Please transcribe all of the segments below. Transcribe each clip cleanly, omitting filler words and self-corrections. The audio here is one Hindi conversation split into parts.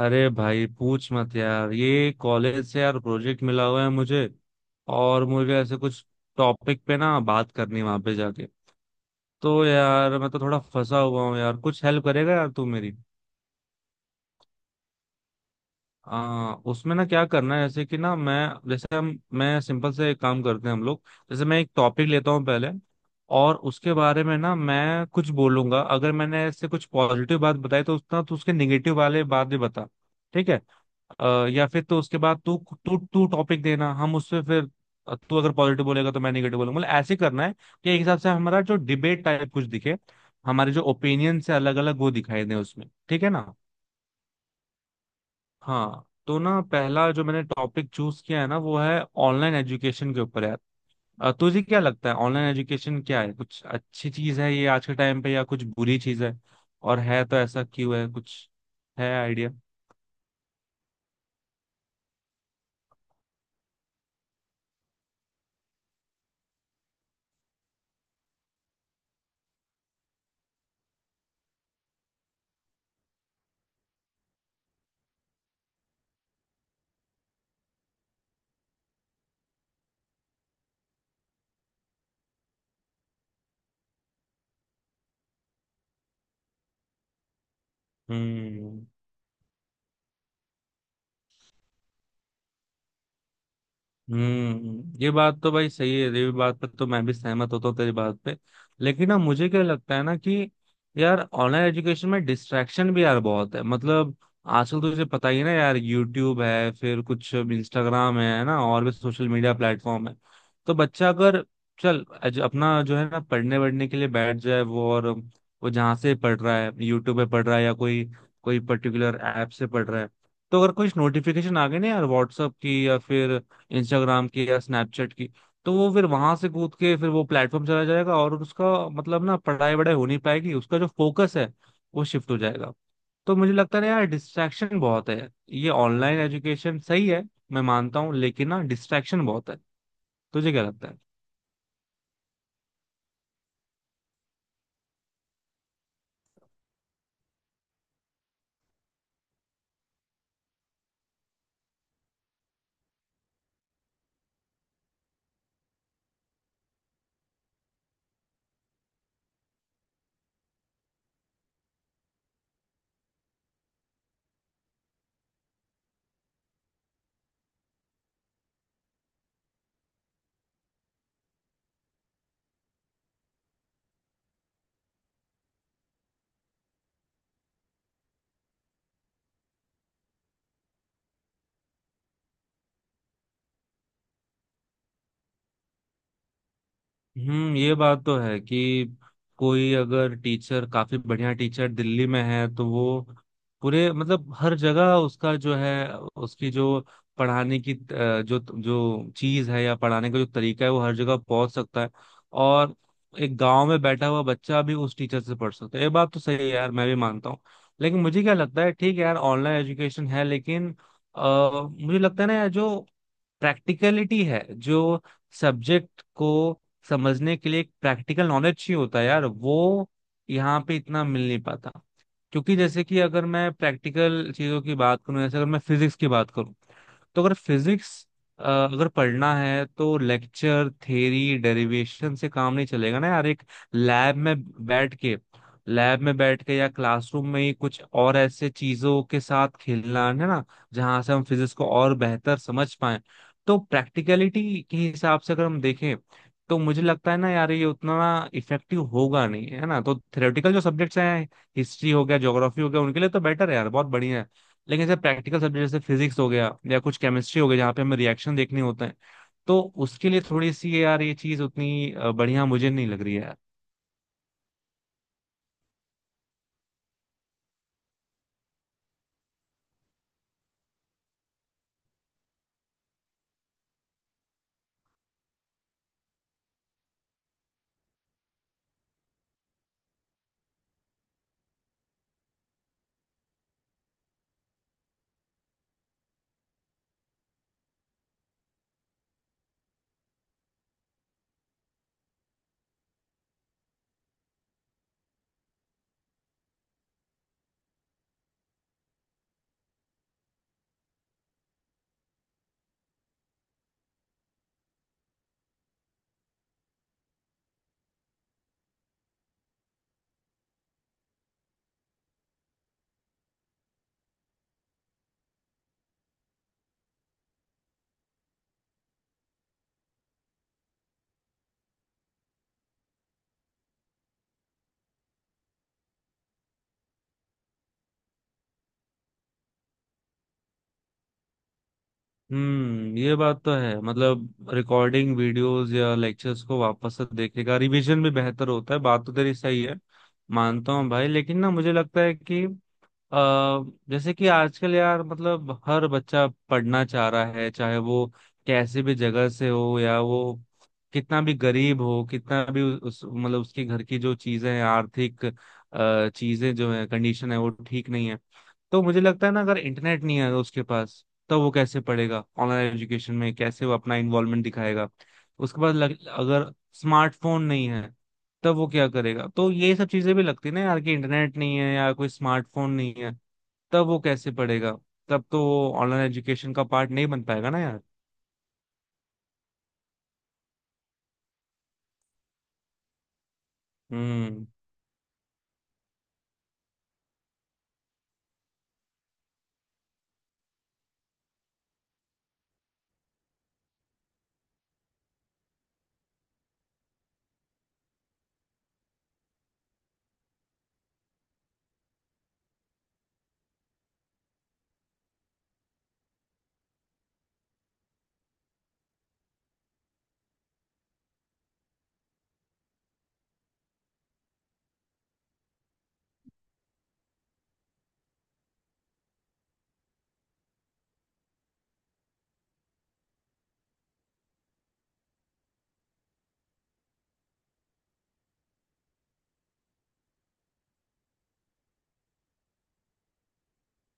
अरे भाई पूछ मत यार, ये कॉलेज से यार प्रोजेक्ट मिला हुआ है मुझे। और मुझे ऐसे कुछ टॉपिक पे ना बात करनी वहां पे जाके। तो यार मैं तो थोड़ा फंसा हुआ हूँ यार, कुछ हेल्प करेगा यार तू मेरी। उसमें ना क्या करना है, जैसे कि ना मैं जैसे हम मैं सिंपल से एक काम करते हैं हम लोग। जैसे मैं एक टॉपिक लेता हूँ पहले, और उसके बारे में ना मैं कुछ बोलूंगा। अगर मैंने ऐसे कुछ पॉजिटिव बात बताई तो उसका तो उसके निगेटिव वाले बात भी बता। ठीक है। या फिर तो उसके बाद तू तू तू टॉपिक देना, हम उससे फिर तू अगर पॉजिटिव बोलेगा तो मैं नेगेटिव बोलूंगा, मतलब ऐसे करना है। कि एक हिसाब से हमारा जो डिबेट टाइप कुछ दिखे, हमारे जो ओपिनियन से अलग अलग वो दिखाई दे उसमें। ठीक है ना। हाँ तो ना पहला जो मैंने टॉपिक चूज किया है ना वो है ऑनलाइन एजुकेशन के ऊपर यार। तुझे क्या लगता है ऑनलाइन एजुकेशन क्या है? कुछ अच्छी चीज है ये आज के टाइम पे, या कुछ बुरी चीज है? और है तो ऐसा क्यों है कुछ? है आइडिया? हम्म। हम्म। ये बात तो भाई सही है, ये बात पर तो मैं भी सहमत होता हूँ तेरी बात पे। लेकिन ना मुझे क्या लगता है ना कि यार ऑनलाइन एजुकेशन में डिस्ट्रैक्शन भी यार बहुत है। मतलब आजकल तो तुझे पता ही है ना यार, यूट्यूब है, फिर कुछ इंस्टाग्राम है ना, और भी सोशल मीडिया प्लेटफॉर्म है। तो बच्चा अगर अपना जो है ना पढ़ने वढ़ने के लिए बैठ जाए वो, और वो जहाँ से पढ़ रहा है, यूट्यूब पे पढ़ रहा है या कोई कोई पर्टिकुलर ऐप से पढ़ रहा है। तो अगर कुछ नोटिफिकेशन आ गए ना यार व्हाट्सअप की या फिर इंस्टाग्राम की या स्नैपचैट की, तो वो फिर वहां से कूद के फिर वो प्लेटफॉर्म चला जाएगा, और उसका मतलब ना पढ़ाई वढ़ाई हो नहीं पाएगी, उसका जो फोकस है वो शिफ्ट हो जाएगा। तो मुझे लगता है ना यार डिस्ट्रैक्शन बहुत है यार। ये ऑनलाइन एजुकेशन सही है मैं मानता हूँ, लेकिन ना डिस्ट्रैक्शन बहुत है। तुझे क्या लगता है? हम्म। ये बात तो है कि कोई अगर टीचर काफी बढ़िया टीचर दिल्ली में है तो वो पूरे मतलब हर जगह उसका जो है, उसकी जो पढ़ाने की जो जो चीज है या पढ़ाने का जो तरीका है, वो हर जगह पहुंच सकता है। और एक गांव में बैठा हुआ बच्चा भी उस टीचर से पढ़ सकता है, ये बात तो सही है यार, मैं भी मानता हूँ। लेकिन मुझे क्या लगता है, ठीक है यार ऑनलाइन एजुकेशन है लेकिन मुझे लगता है ना यार, जो प्रैक्टिकलिटी है, जो सब्जेक्ट को समझने के लिए एक प्रैक्टिकल नॉलेज चाहिए होता है यार, वो यहाँ पे इतना मिल नहीं पाता। क्योंकि जैसे कि अगर मैं प्रैक्टिकल चीजों की बात करूं, जैसे अगर मैं फिजिक्स की बात करूं, तो अगर फिजिक्स अगर पढ़ना है तो लेक्चर थ्योरी डेरिवेशन से काम नहीं चलेगा ना यार। एक लैब में बैठ के या क्लासरूम में ही कुछ और ऐसे चीजों के साथ खेलना है ना, जहां से हम फिजिक्स को और बेहतर समझ पाए। तो प्रैक्टिकलिटी के हिसाब से अगर हम देखें, तो मुझे लगता है ना यार ये उतना इफेक्टिव होगा नहीं, है ना? तो थ्योरेटिकल जो सब्जेक्ट्स हैं, हिस्ट्री हो गया, ज्योग्राफी हो गया, उनके लिए तो बेटर है यार, बहुत बढ़िया है। लेकिन जैसे प्रैक्टिकल सब्जेक्ट, जैसे फिजिक्स हो गया या कुछ केमिस्ट्री हो गया, जहाँ पे हमें रिएक्शन देखने होते हैं, तो उसके लिए थोड़ी सी यार ये चीज उतनी बढ़िया मुझे नहीं लग रही है यार। हम्म। ये बात तो है, मतलब रिकॉर्डिंग वीडियोस या लेक्चर्स को वापस से देखेगा, रिवीजन भी बेहतर होता है, बात तो तेरी सही है। मानता हूँ भाई, लेकिन ना मुझे लगता है कि अ जैसे कि आजकल यार मतलब हर बच्चा पढ़ना चाह रहा है, चाहे वो कैसे भी जगह से हो, या वो कितना भी गरीब हो, कितना भी उस मतलब उसके घर की जो चीजें हैं, आर्थिक चीजें जो है कंडीशन है वो ठीक नहीं है। तो मुझे लगता है ना, अगर इंटरनेट नहीं है उसके पास, तो वो कैसे पढ़ेगा ऑनलाइन एजुकेशन में, कैसे वो अपना इन्वॉल्वमेंट दिखाएगा? उसके बाद अगर स्मार्टफोन नहीं है, तब वो क्या करेगा? तो ये सब चीजें भी लगती है ना यार, कि इंटरनेट नहीं है या कोई स्मार्टफोन नहीं है, तब वो कैसे पढ़ेगा? तब तो वो ऑनलाइन एजुकेशन का पार्ट नहीं बन पाएगा ना यार। हम्म।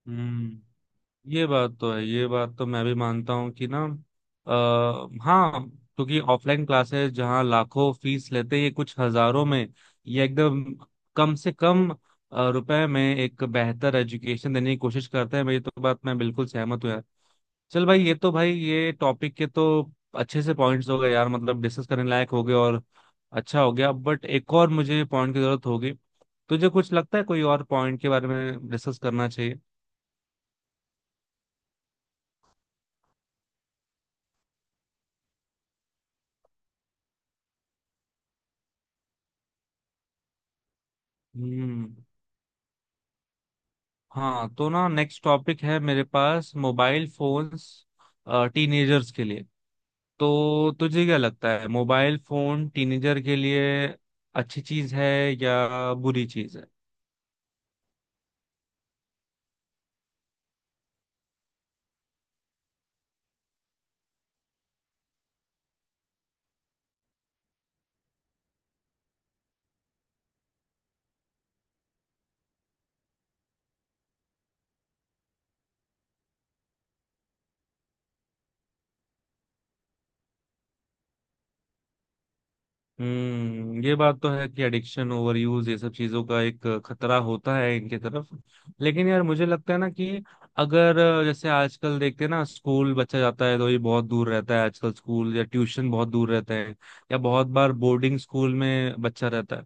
हम्म। ये बात तो है, ये बात तो मैं भी मानता हूँ कि ना हाँ, क्योंकि ऑफलाइन क्लासेस जहाँ लाखों फीस लेते हैं, ये कुछ हजारों में, ये एकदम कम से कम रुपए में एक बेहतर एजुकेशन देने की कोशिश करते हैं। मेरी तो बात, मैं बिल्कुल सहमत हूँ यार। चल भाई, ये तो भाई ये टॉपिक के तो अच्छे से पॉइंट्स हो गए यार, मतलब डिस्कस करने लायक हो गए, और अच्छा हो गया। बट एक और मुझे पॉइंट की जरूरत होगी। तुझे कुछ लगता है कोई और पॉइंट के बारे में डिस्कस करना चाहिए? हम्म। हाँ तो ना नेक्स्ट टॉपिक है मेरे पास, मोबाइल फोन्स टीनेजर्स के लिए। तो तुझे क्या लगता है मोबाइल फोन टीनेजर के लिए अच्छी चीज है या बुरी चीज है? हम्म। ये बात तो है कि एडिक्शन, ओवरयूज, ये सब चीजों का एक खतरा होता है इनके तरफ। लेकिन यार मुझे लगता है ना कि अगर जैसे आजकल देखते हैं ना, स्कूल बच्चा जाता है तो ये बहुत दूर रहता है आजकल, स्कूल या ट्यूशन बहुत दूर रहते हैं, या बहुत बार बोर्डिंग स्कूल में बच्चा रहता है।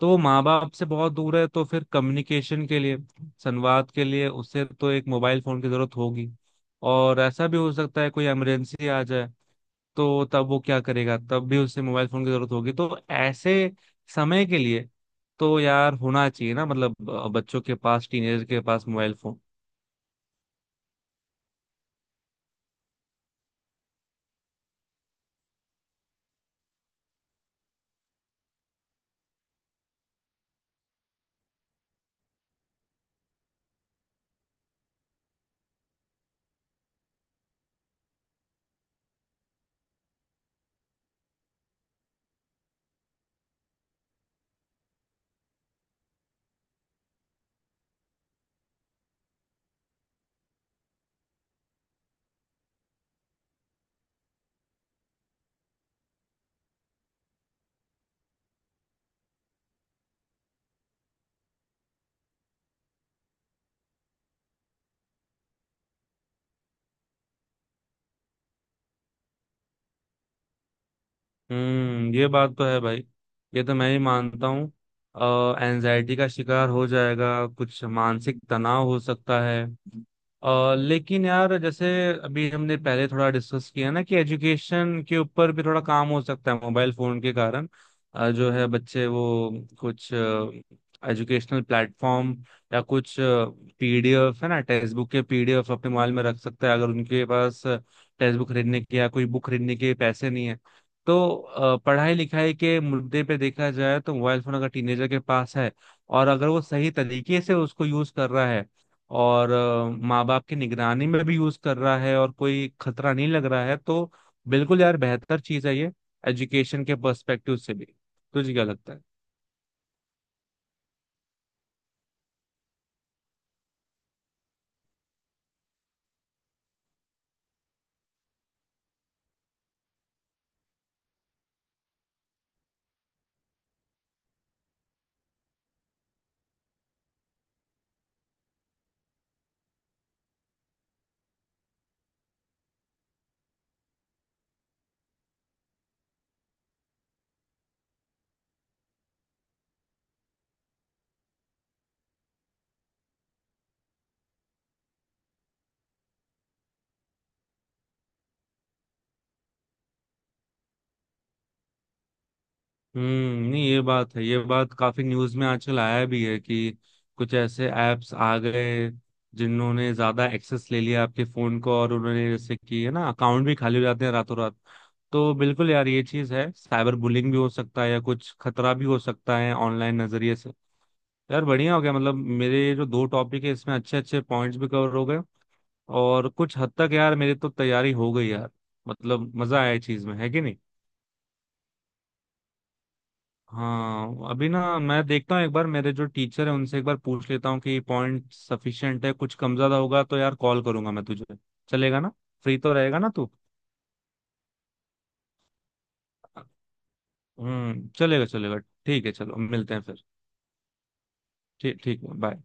तो वो माँ बाप से बहुत दूर है, तो फिर कम्युनिकेशन के लिए, संवाद के लिए उसे तो एक मोबाइल फोन की जरूरत होगी। और ऐसा भी हो सकता है कोई इमरजेंसी आ जाए, तो तब वो क्या करेगा? तब भी उसे मोबाइल फोन की जरूरत होगी। तो ऐसे समय के लिए तो यार होना चाहिए ना, मतलब बच्चों के पास, टीनेजर के पास मोबाइल फोन। हम्म। ये बात तो है भाई, ये तो मैं ही मानता हूँ, एनजाइटी का शिकार हो जाएगा, कुछ मानसिक तनाव हो सकता है। लेकिन यार जैसे अभी हमने पहले थोड़ा डिस्कस किया ना कि एजुकेशन के ऊपर भी थोड़ा काम हो सकता है मोबाइल फोन के कारण। जो है बच्चे वो कुछ एजुकेशनल प्लेटफॉर्म या कुछ पीडीएफ है ना, टेक्स्ट बुक के पीडीएफ अपने मोबाइल में रख सकता है, अगर उनके पास टेक्स्ट बुक खरीदने के या कोई बुक खरीदने के पैसे नहीं है। तो पढ़ाई लिखाई के मुद्दे पे देखा जाए तो मोबाइल फोन अगर टीनेजर के पास है, और अगर वो सही तरीके से उसको यूज कर रहा है, और माँ बाप की निगरानी में भी यूज कर रहा है, और कोई खतरा नहीं लग रहा है, तो बिल्कुल यार बेहतर चीज है ये, एजुकेशन के पर्सपेक्टिव से भी। तुझे क्या लगता है? हम्म। नहीं, ये बात है, ये बात काफी न्यूज में आजकल आया भी है कि कुछ ऐसे एप्स आ गए जिन्होंने ज्यादा एक्सेस ले लिया आपके फोन को, और उन्होंने जैसे कि है ना, अकाउंट भी खाली हो जाते हैं रातों रात। तो बिल्कुल यार ये चीज है, साइबर बुलिंग भी हो सकता है या कुछ खतरा भी हो सकता है ऑनलाइन नजरिए से। यार बढ़िया हो गया, मतलब मेरे जो दो टॉपिक है इसमें अच्छे अच्छे पॉइंट्स भी कवर हो गए, और कुछ हद तक यार मेरी तो तैयारी हो गई यार। मतलब मजा आया चीज में, है कि नहीं? हाँ अभी ना मैं देखता हूँ एक बार, मेरे जो टीचर है उनसे एक बार पूछ लेता हूँ कि पॉइंट सफिशिएंट है। कुछ कम ज्यादा होगा तो यार कॉल करूंगा मैं तुझे। चलेगा ना? फ्री तो रहेगा ना तू? हम्म, चलेगा, चलेगा। ठीक है, चलो मिलते हैं फिर। ठीक, ठीक, बाय।